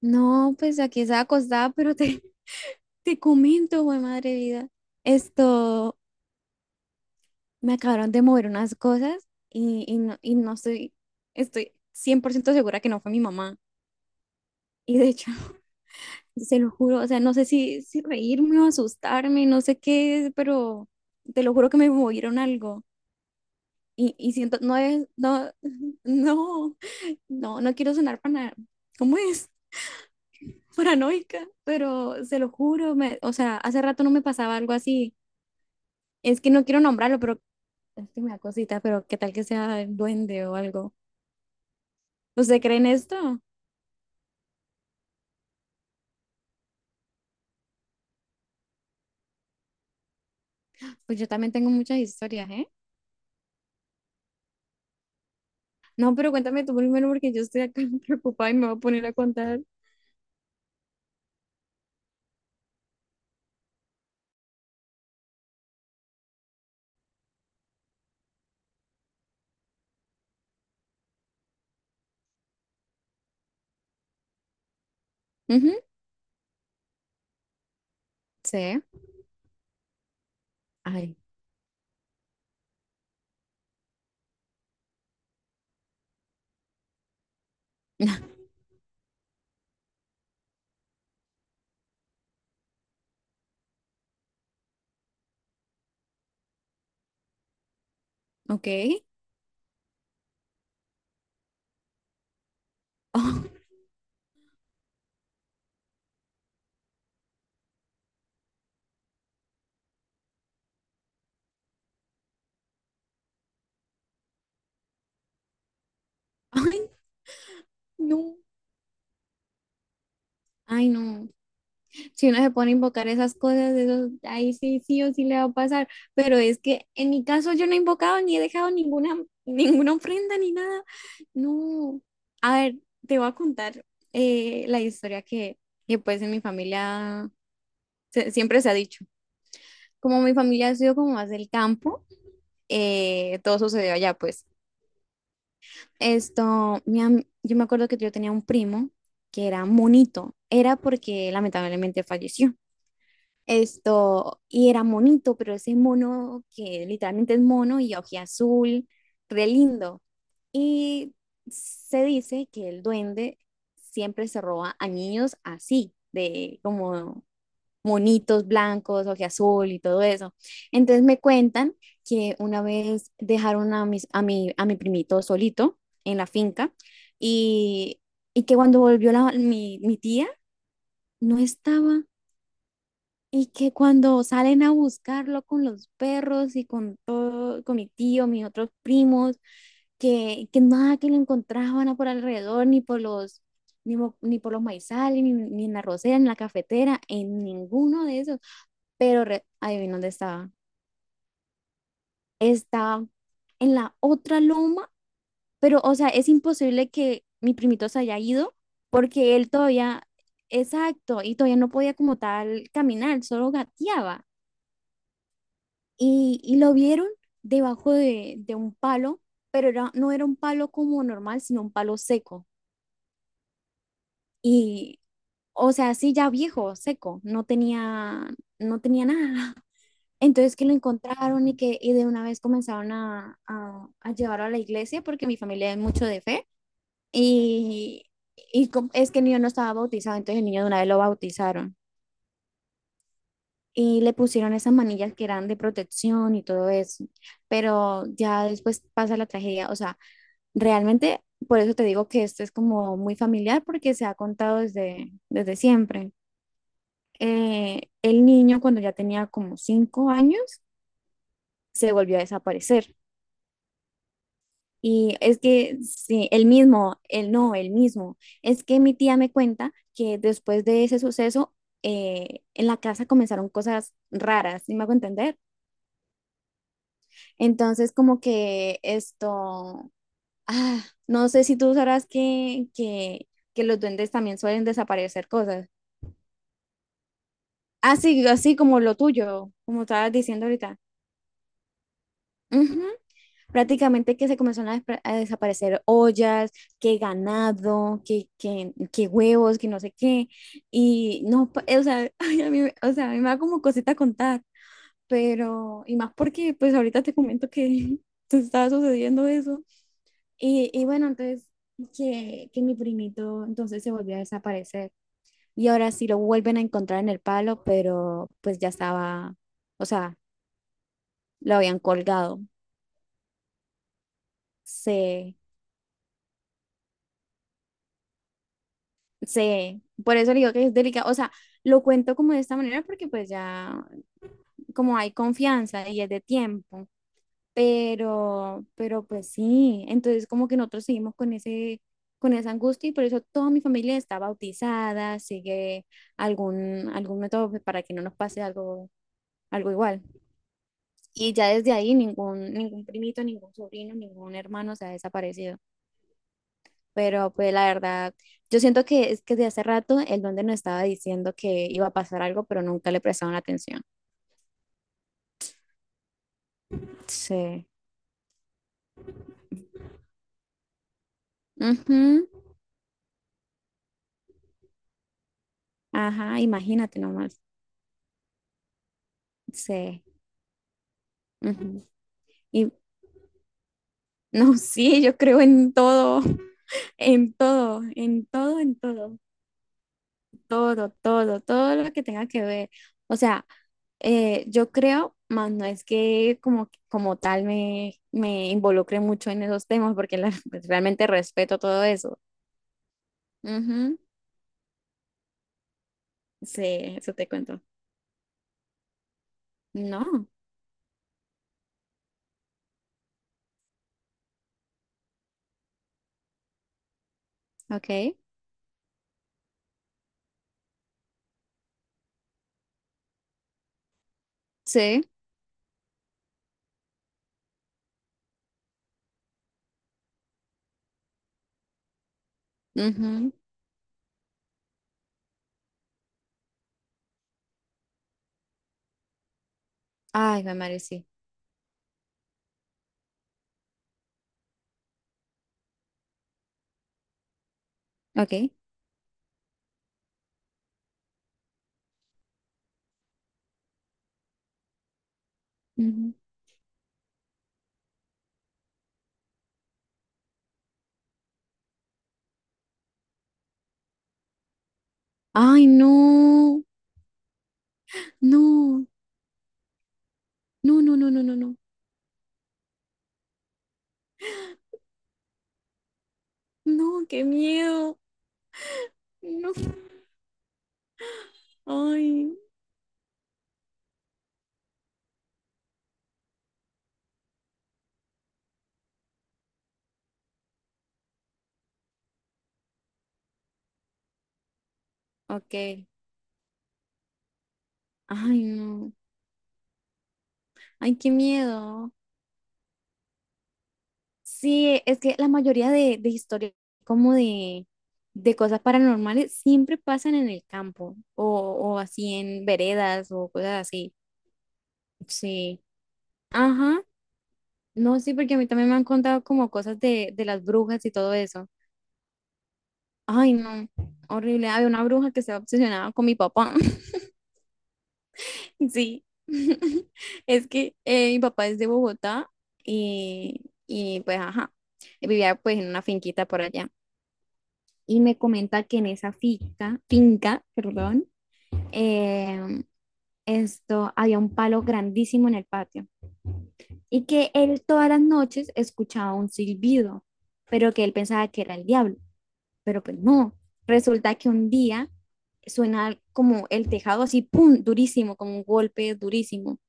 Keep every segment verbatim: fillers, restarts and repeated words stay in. No, pues aquí estaba acostada, pero te, te comento, güey, madre vida. Esto, Me acabaron de mover unas cosas y, y no, y no estoy, estoy cien por ciento segura que no fue mi mamá. Y de hecho, se lo juro, o sea, no sé si, si reírme o asustarme, no sé qué es, pero te lo juro que me movieron algo. Y, y siento, no es, no, no, no, no quiero sonar para, ¿cómo es? Paranoica, pero se lo juro, me, o sea, hace rato no me pasaba algo así. Es que no quiero nombrarlo, pero es que me da cosita, pero qué tal que sea el duende o algo. ¿Usted cree en esto? Pues yo también tengo muchas historias, ¿eh? No, pero cuéntame tú primero porque yo estoy acá preocupada y me voy a poner a contar. Ujú. Sí. Ay. Ok. Oh. Ay, no. Ay, no. Si uno se pone a invocar esas cosas, eso, ahí sí, sí o sí le va a pasar. Pero es que en mi caso yo no he invocado ni he dejado ninguna, ninguna ofrenda ni nada. No, a ver, te voy a contar eh, la historia que, que, pues en mi familia se- siempre se ha dicho. Como mi familia ha sido como más del campo, eh, todo sucedió allá, pues. Esto, mi am- yo me acuerdo que yo tenía un primo que era monito, era porque lamentablemente falleció. Esto, y era monito, pero ese mono que literalmente es mono y azul re lindo. Y se dice que el duende siempre se roba a niños así, de como monitos blancos, azul y todo eso. Entonces me cuentan que una vez dejaron a, mis, a, mi, a mi primito solito en la finca y, y que cuando volvió la- mi, mi tía, no estaba y que cuando salen a buscarlo con los perros y con todo, con mi tío, mis otros primos, que, que nada que lo encontraban por alrededor, ni por los, ni, mo- ni por los maizales, ni, ni en la rosera, ni en la cafetera, en ninguno de esos. Pero re- adivina dónde estaba. Estaba en la otra loma, pero o sea, es imposible que mi primito se haya ido porque él todavía, exacto, y todavía no podía como tal caminar, solo gateaba. y, y lo vieron debajo de, de un palo, pero era, no era un palo como normal, sino un palo seco. Y, o sea, sí, ya viejo, seco, no tenía, no tenía nada. Entonces que lo encontraron y que y de una vez comenzaron a, a, a llevarlo a la iglesia porque mi familia es mucho de fe y, y com- es que el niño no estaba bautizado, entonces el niño de una vez lo bautizaron y le pusieron esas manillas que eran de protección y todo eso, pero ya después pasa la tragedia, o sea, realmente, por eso te digo que esto es como muy familiar porque se ha contado desde, desde, siempre. Eh, el niño cuando ya tenía como cinco años se volvió a desaparecer. Y es que, sí, el mismo, el no, el mismo. Es que mi tía me cuenta que después de ese suceso, eh, en la casa comenzaron cosas raras, ¿sí me hago entender? Entonces, como que esto, ah, no sé si tú sabrás que, que, que los duendes también suelen desaparecer cosas. Así, así como lo tuyo, como estabas diciendo ahorita. Ujú. Prácticamente que se comenzaron a, despre- a desaparecer ollas, que ganado, que, que, que huevos, que no sé qué. Y no, pa- o sea, ay, a mí, me- o sea, a mí me da como cosita contar, pero, y más porque pues ahorita te comento que te estaba sucediendo eso. Y, y bueno, entonces, que, que mi primito entonces se volvió a desaparecer. Y ahora sí lo vuelven a encontrar en el palo, pero pues ya estaba, o sea, lo habían colgado. Sí, sí, por eso le digo que es delicado. O sea, lo cuento como de esta manera porque pues ya como hay confianza y es de tiempo, pero, pero pues sí, entonces como que nosotros seguimos con ese, con esa angustia y por eso toda mi familia está bautizada, sigue algún, algún método pues, para que no nos pase algo, algo igual. Y ya desde ahí ningún, ningún primito, ningún sobrino, ningún hermano se ha desaparecido. Pero pues la verdad, yo siento que es que de hace rato el donde nos estaba diciendo que iba a pasar algo, pero nunca le prestaron atención. Sí. Ujú. Ajá, imagínate nomás. Sí. Ujú. Y no, sí, yo creo en todo, en todo, en todo, en todo, todo, todo, todo lo que tenga que ver. O sea, eh, yo creo, más no es que como, como tal me, me involucre mucho en esos temas, porque la- pues, realmente respeto todo eso. Ujú. Sí, eso te cuento. No, ok, sí, ujú. Ay, me Mari, sí, ok. Ujú. Ay, no, no, no, no, no, no, no, no, no, qué miedo. No. Ay. Ok. Ay, no, ay, qué miedo. Sí, es que la mayoría de, de historias como de, de cosas paranormales siempre pasan en el campo o, o así en veredas o cosas así. Sí, ajá. No, sí, porque a mí también me han contado como cosas de, de las brujas y todo eso. Ay, no, horrible. Había una bruja que estaba obsesionada con mi papá. Sí, es que eh, mi papá es de Bogotá y, y pues, ajá, vivía pues en una finquita por allá. Y me comenta que en esa finca, finca, perdón, em, esto, había un palo grandísimo en el patio y que él todas las noches escuchaba un silbido, pero que él pensaba que era el diablo. Pero pues no. Resulta que un día suena como el tejado así, ¡pum!, durísimo, como un golpe durísimo.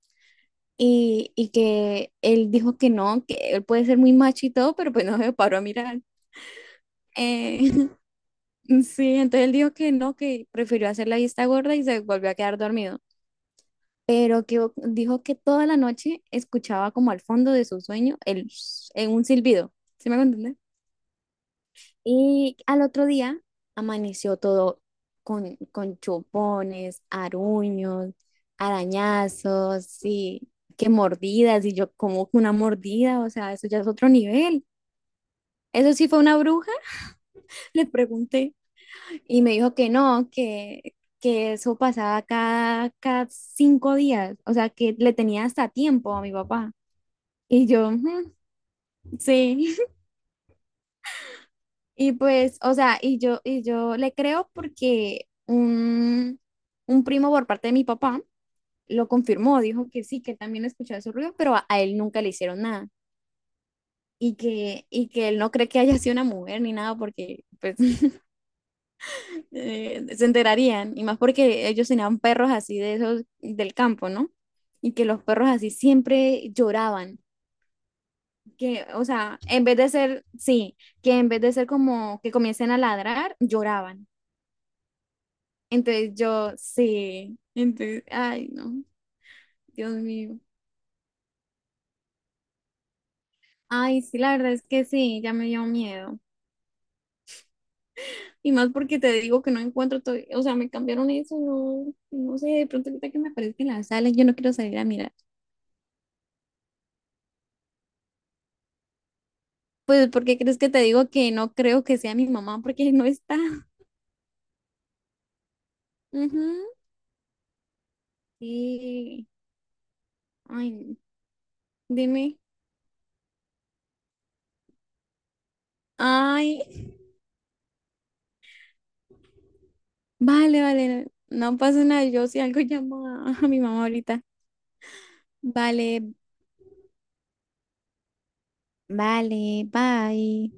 Y, y que él dijo que no, que él puede ser muy macho y todo, pero pues no se paró a mirar. Eh, sí, entonces él dijo que no, que prefirió hacer la vista gorda y se volvió a quedar dormido. Pero que dijo que toda la noche escuchaba como al fondo de su sueño el, en un silbido. ¿Sí me entendés? Y al otro día amaneció todo con, con chupones, aruños, arañazos y que mordidas. Y yo, ¿como que una mordida? O sea, eso ya es otro nivel. ¿Eso sí fue una bruja? Le pregunté. Y me dijo que no, que, que eso pasaba cada, cada cinco días. O sea, que le tenía hasta tiempo a mi papá. Y yo, "Ujú, sí." Y pues, o sea, y yo, y yo le creo porque un, un primo por parte de mi papá lo confirmó, dijo que sí, que también escuchaba su ruido, pero a, a él nunca le hicieron nada. Y que, y que él no cree que haya sido una mujer ni nada porque pues eh, se enterarían. Y más porque ellos tenían perros así de esos del campo, ¿no? Y que los perros así siempre lloraban. Que, o sea, en vez de ser, sí, que en vez de ser como que comiencen a ladrar, lloraban. Entonces yo, sí, entonces, ay, no, Dios mío. Ay, sí, la verdad es que sí, ya me dio miedo. Y más porque te digo que no encuentro todo, o sea, me cambiaron eso, no, no sé, de pronto ahorita que me aparezca en la sala, yo no quiero salir a mirar. Pues, ¿por qué crees que te digo que no creo que sea mi mamá? Porque no está. Ujú. Sí, ay, no. Dime. Ay, vale, vale, no pasa nada, yo si algo llamo a a mi mamá ahorita. Vale, vale, bye.